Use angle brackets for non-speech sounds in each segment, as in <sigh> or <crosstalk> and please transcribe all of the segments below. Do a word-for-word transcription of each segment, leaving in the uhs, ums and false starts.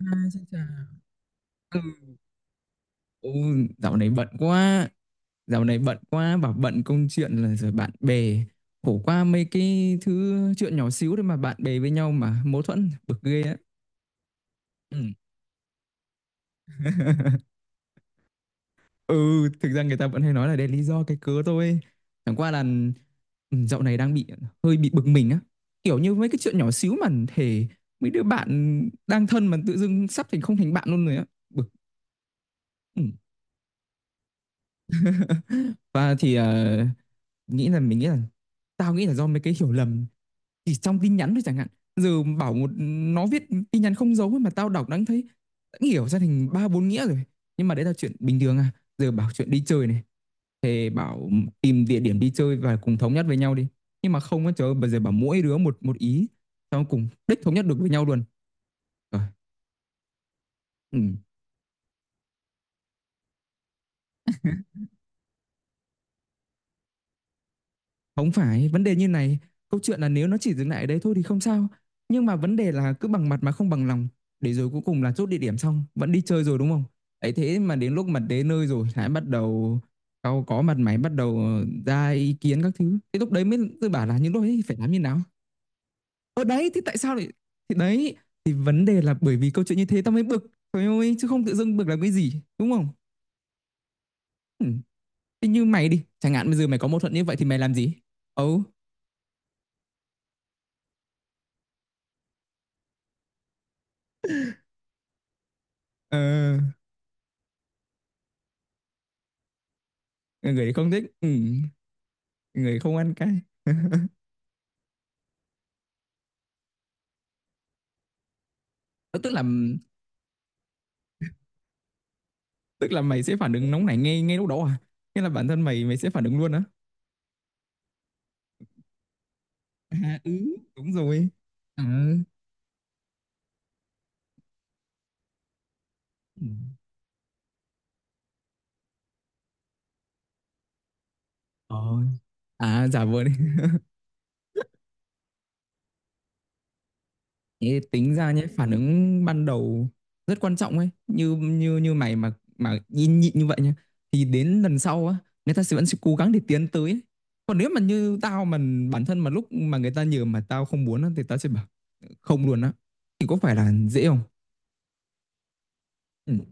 À, xin chào. Ừ, ừ, dạo này bận quá. Dạo này bận quá, bảo bận công chuyện là rồi bạn bè. Khổ qua mấy cái thứ chuyện nhỏ xíu đấy mà bạn bè với nhau mà mâu thuẫn bực ghê á. Ừ. Ừ, thực ra người ta vẫn hay nói là đây là lý do cái cớ thôi. Chẳng qua là ừ, dạo này đang bị hơi bị bực mình á. Kiểu như mấy cái chuyện nhỏ xíu mà thể mấy đứa bạn đang thân mà tự dưng sắp thành không thành bạn luôn rồi á. Bực. Ừ. <laughs> Và thì ờ, nghĩ là mình nghĩ là tao nghĩ là do mấy cái hiểu lầm chỉ trong tin nhắn thôi chẳng hạn giờ bảo một nó viết tin nhắn không dấu ấy mà tao đọc đã thấy đã hiểu ra thành ba bốn nghĩa rồi nhưng mà đấy là chuyện bình thường à giờ bảo chuyện đi chơi này thì bảo tìm địa điểm đi chơi và cùng thống nhất với nhau đi nhưng mà không á trời ơi, bây giờ bảo mỗi đứa một một ý xong cùng đích thống nhất được với nhau luôn rồi ừ. Không phải, vấn đề như này, câu chuyện là nếu nó chỉ dừng lại ở đấy thôi thì không sao. Nhưng mà vấn đề là cứ bằng mặt mà không bằng lòng, để rồi cuối cùng là chốt địa điểm xong, vẫn đi chơi rồi đúng không? Ấy thế mà đến lúc mà đến nơi rồi lại bắt đầu cau có mặt mày bắt đầu ờ, ra ý kiến các thứ. Thế lúc đấy mới tôi bảo là những lúc ấy phải làm như nào. Ở đấy thì tại sao lại thì đấy thì vấn đề là bởi vì câu chuyện như thế tao mới bực. Trời ơi, chứ không tự dưng bực làm cái gì, đúng không? Ừ. Thế như mày đi, chẳng hạn bây giờ mày có mâu thuẫn như vậy thì mày làm gì? Ừ. Ờ người không thích ừ. Người không ăn cay. <laughs> tức là tức là mày sẽ phản ứng nóng nảy ngay ngay lúc đó à, nghĩa là bản thân mày mày sẽ phản ứng luôn á. À ừ, đúng rồi. À, ừ. Ờ. À giả vờ đi. Thế tính ra nhé phản ứng ban đầu rất quan trọng ấy như như như mày mà mà nhịn nhịn như vậy nhá thì đến lần sau á người ta sẽ vẫn sẽ cố gắng để tiến tới ấy. Còn nếu mà như tao mà bản thân mà lúc mà người ta nhờ mà tao không muốn á, thì tao sẽ bảo không luôn á thì có phải là dễ không. Ừm,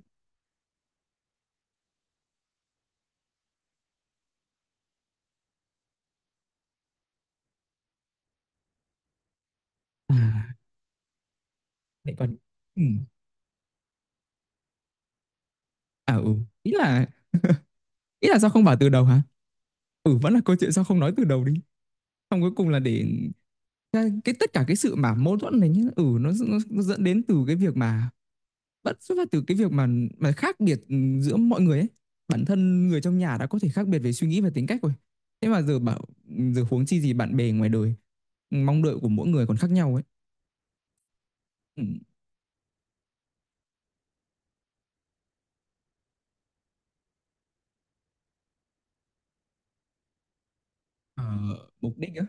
à, lại còn ừm, à, ừ, ý là ý là sao không bảo từ đầu hả? Ừ, vẫn là câu chuyện sao không nói từ đầu đi. Xong cuối cùng là để cái cái tất cả cái sự mà mâu thuẫn này nhá, ừ, nó nó nó dẫn đến từ cái việc mà vẫn xuất phát từ cái việc mà mà khác biệt, ừ, giữa mọi người ấy. Bản thân người trong nhà đã có thể khác biệt về suy nghĩ và tính cách rồi. Thế mà giờ bảo ừ, giờ huống chi gì bạn bè ngoài đời, ừ, mong đợi của mỗi người còn khác nhau ấy. Ừm, ờ, mục đích á,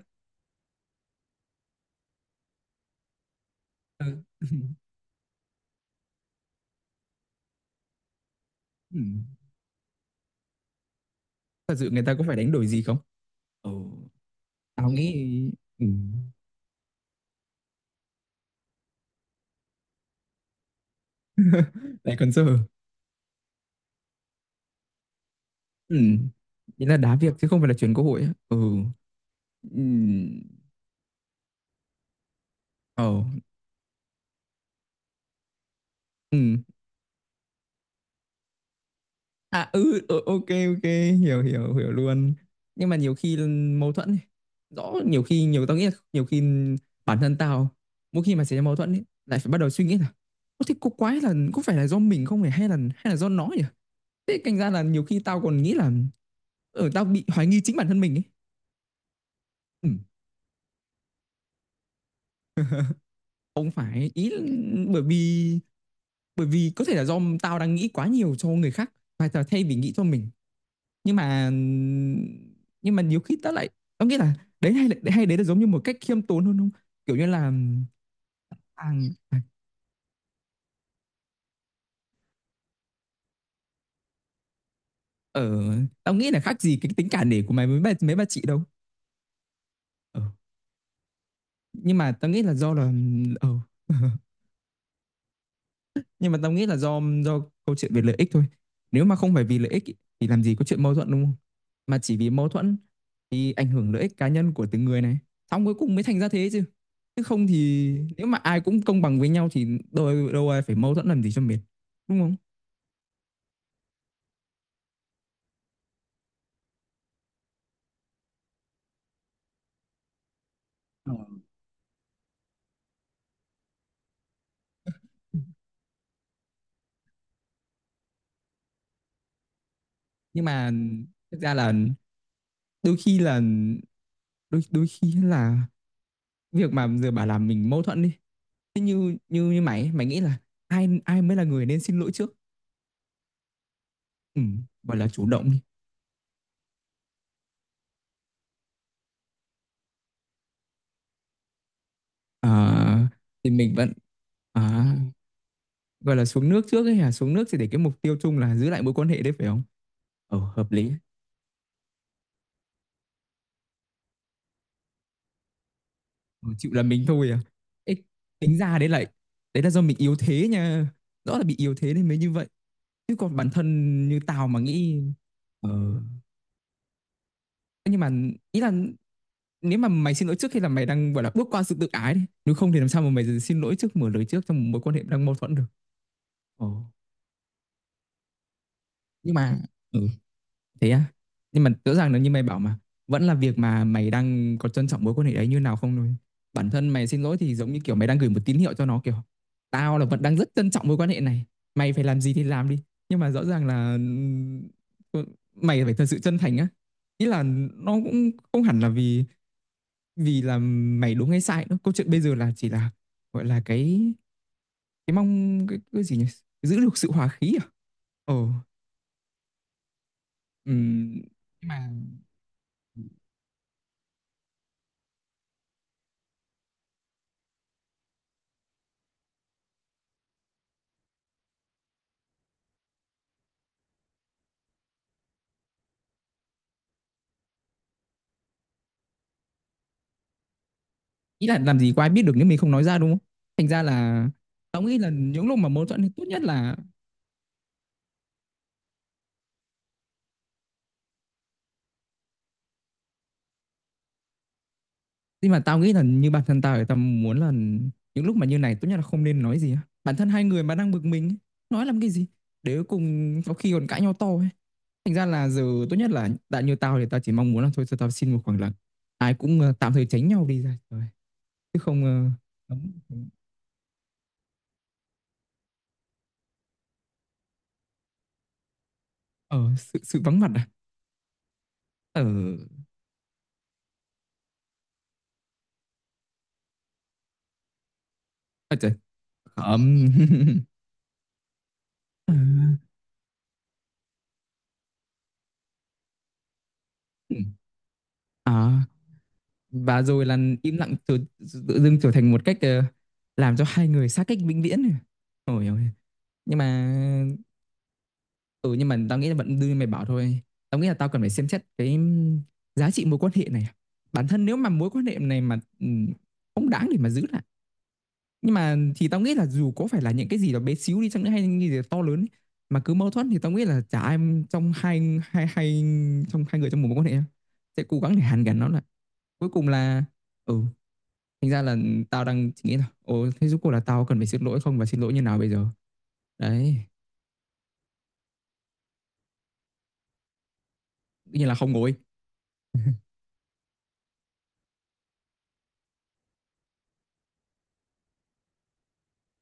ừ, <laughs> ừm, thật sự người ta có phải đánh đổi gì không? Ừ. Tao nghĩ. Ừ. Lại còn giờ ừ. Ý là đá việc chứ không phải là chuyển cơ hội á. Ừ ừ ờ ừ à ừ ờ, ok ok hiểu hiểu hiểu luôn. Nhưng mà nhiều khi mâu thuẫn ấy. Rõ nhiều khi nhiều tao nghĩ là nhiều khi bản thân tao mỗi khi mà xảy ra mâu thuẫn ấy, lại phải bắt đầu suy nghĩ là có thế cô quái là có phải là do mình không nhỉ hay là hay là do nó nhỉ thế thành ra là nhiều khi tao còn nghĩ là ở tao bị hoài nghi chính bản thân mình ấy. Ừ, không phải ý là bởi vì bởi vì có thể là do tao đang nghĩ quá nhiều cho người khác và tao thay vì nghĩ cho mình nhưng mà nhưng mà nhiều khi tao lại tao nghĩ là đấy hay là- hay đấy là giống như một cách khiêm tốn hơn không kiểu như là hàng ở tao nghĩ là khác gì cái tính cả nể của mày với mấy, mấy bà chị đâu. Ờ, nhưng mà tao nghĩ là do là ờ nhưng mà tao nghĩ là do do câu chuyện về lợi ích thôi nếu mà không phải vì lợi ích ý, thì làm gì có chuyện mâu thuẫn đúng không mà chỉ vì mâu thuẫn thì ảnh hưởng lợi ích cá nhân của từng người này xong cuối cùng mới thành ra thế chứ chứ không thì nếu mà ai cũng công bằng với nhau thì đâu đâu ai phải mâu thuẫn làm gì cho mệt đúng không. Ờ. Nhưng mà thực ra là đôi khi là đôi đôi khi là việc mà giờ bà làm mình mâu thuẫn đi thế như như như mày ấy, mày nghĩ là ai ai mới là người nên xin lỗi trước, ừ, gọi là chủ động đi. Ờ, thì mình vẫn à, gọi là xuống nước trước ấy hả? Xuống nước thì để cái mục tiêu chung là giữ lại mối quan hệ đấy phải không? Ồ, hợp lý. Ờ, chịu là mình thôi à. Ê, tính ra đấy là đấy là do mình yếu thế nha. Rõ là bị yếu thế nên mới như vậy. Chứ còn bản thân như tao mà nghĩ. Ờ, nhưng mà ý là nếu mà mày xin lỗi trước khi là mày đang gọi là bước qua sự tự ái đi. Nếu không thì làm sao mà mày xin lỗi trước mở lời trước trong một mối quan hệ đang mâu thuẫn được. Ồ. Nhưng mà ừ, thế á? Nhưng mà rõ ràng là như mày bảo mà vẫn là việc mà mày đang có trân trọng mối quan hệ đấy như nào không thôi. Bản thân mày xin lỗi thì giống như kiểu mày đang gửi một tín hiệu cho nó kiểu tao là vẫn đang rất trân trọng mối quan hệ này. Mày phải làm gì thì làm đi. Nhưng mà rõ ràng là ừm, mày phải thật sự chân thành á. Ý là nó cũng không hẳn là vì vì là mày đúng hay sai nữa. Câu chuyện bây giờ là chỉ là gọi là cái cái mong cái, cái gì nhỉ? Giữ được sự hòa khí à? Ờ. Ừm, nhưng mà ý là làm gì có ai biết được nếu mình không nói ra đúng không thành ra là tao nghĩ là những lúc mà mâu thuẫn thì tốt nhất là nhưng mà tao nghĩ là như bản thân tao thì tao muốn là những lúc mà như này tốt nhất là không nên nói gì á. Bản thân hai người mà đang bực mình ấy, nói làm cái gì để cuối cùng có khi còn cãi nhau to ấy thành ra là giờ tốt nhất là đã như tao thì tao chỉ mong muốn là thôi cho tao xin một khoảng lặng ai cũng ờ, tạm thời tránh nhau đi ra trời chứ không ờ, đóng- ờ sự sự vắng mặt à. Ờ à, trời ấm. <laughs> À, ừ. À, và rồi là im lặng tự, tự dưng trở thành một cách ờ, làm cho hai người xa cách vĩnh viễn. Ôi ôi. Nhưng mà ừ nhưng mà tao nghĩ là vẫn đưa mày bảo thôi tao nghĩ là tao cần phải xem xét cái giá trị mối quan hệ này bản thân nếu mà mối quan hệ này mà ừ, không đáng để mà giữ lại nhưng mà thì tao nghĩ là dù có phải là những cái gì đó bé xíu đi chăng nữa hay những cái gì đó to lớn ấy, mà cứ mâu thuẫn thì tao nghĩ là chả ai trong hai hai hai trong hai người trong một mối quan hệ sẽ cố gắng để hàn gắn nó lại cuối cùng là ừ thành ra là tao đang chỉ nghĩ là ồ thế rốt cuộc là tao cần phải xin lỗi không và xin lỗi như nào bây giờ đấy tự nhiên là không ngồi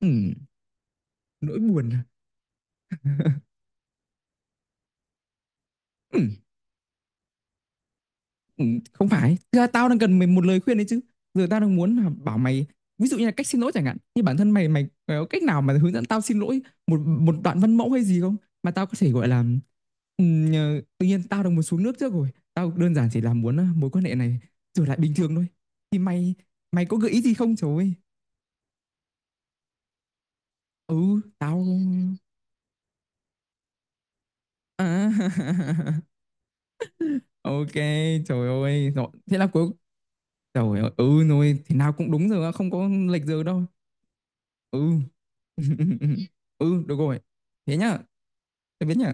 ừ, nỗi buồn à? Ừ, ừ, không phải thực ra tao đang cần mày một lời khuyên đấy chứ giờ tao đang muốn là bảo mày ví dụ như là cách xin lỗi chẳng hạn như bản thân mày mày, mày có cách nào mà hướng dẫn tao xin lỗi một một đoạn văn mẫu hay gì không mà tao có thể gọi là ừ, tự nhiên tao đang muốn xuống nước trước rồi tao đơn giản chỉ là muốn ờ, mối quan hệ này trở lại bình thường thôi thì mày mày có gợi ý gì không trời ơi ừ tao. À, <laughs> ok, trời ơi. Rồi, thế là cuối trời ơi, ừ rồi, thế nào cũng đúng rồi, á, không có lệch giờ đâu. Ừ. <laughs> Ừ, được rồi. Thế nhá, tạm biệt nhá.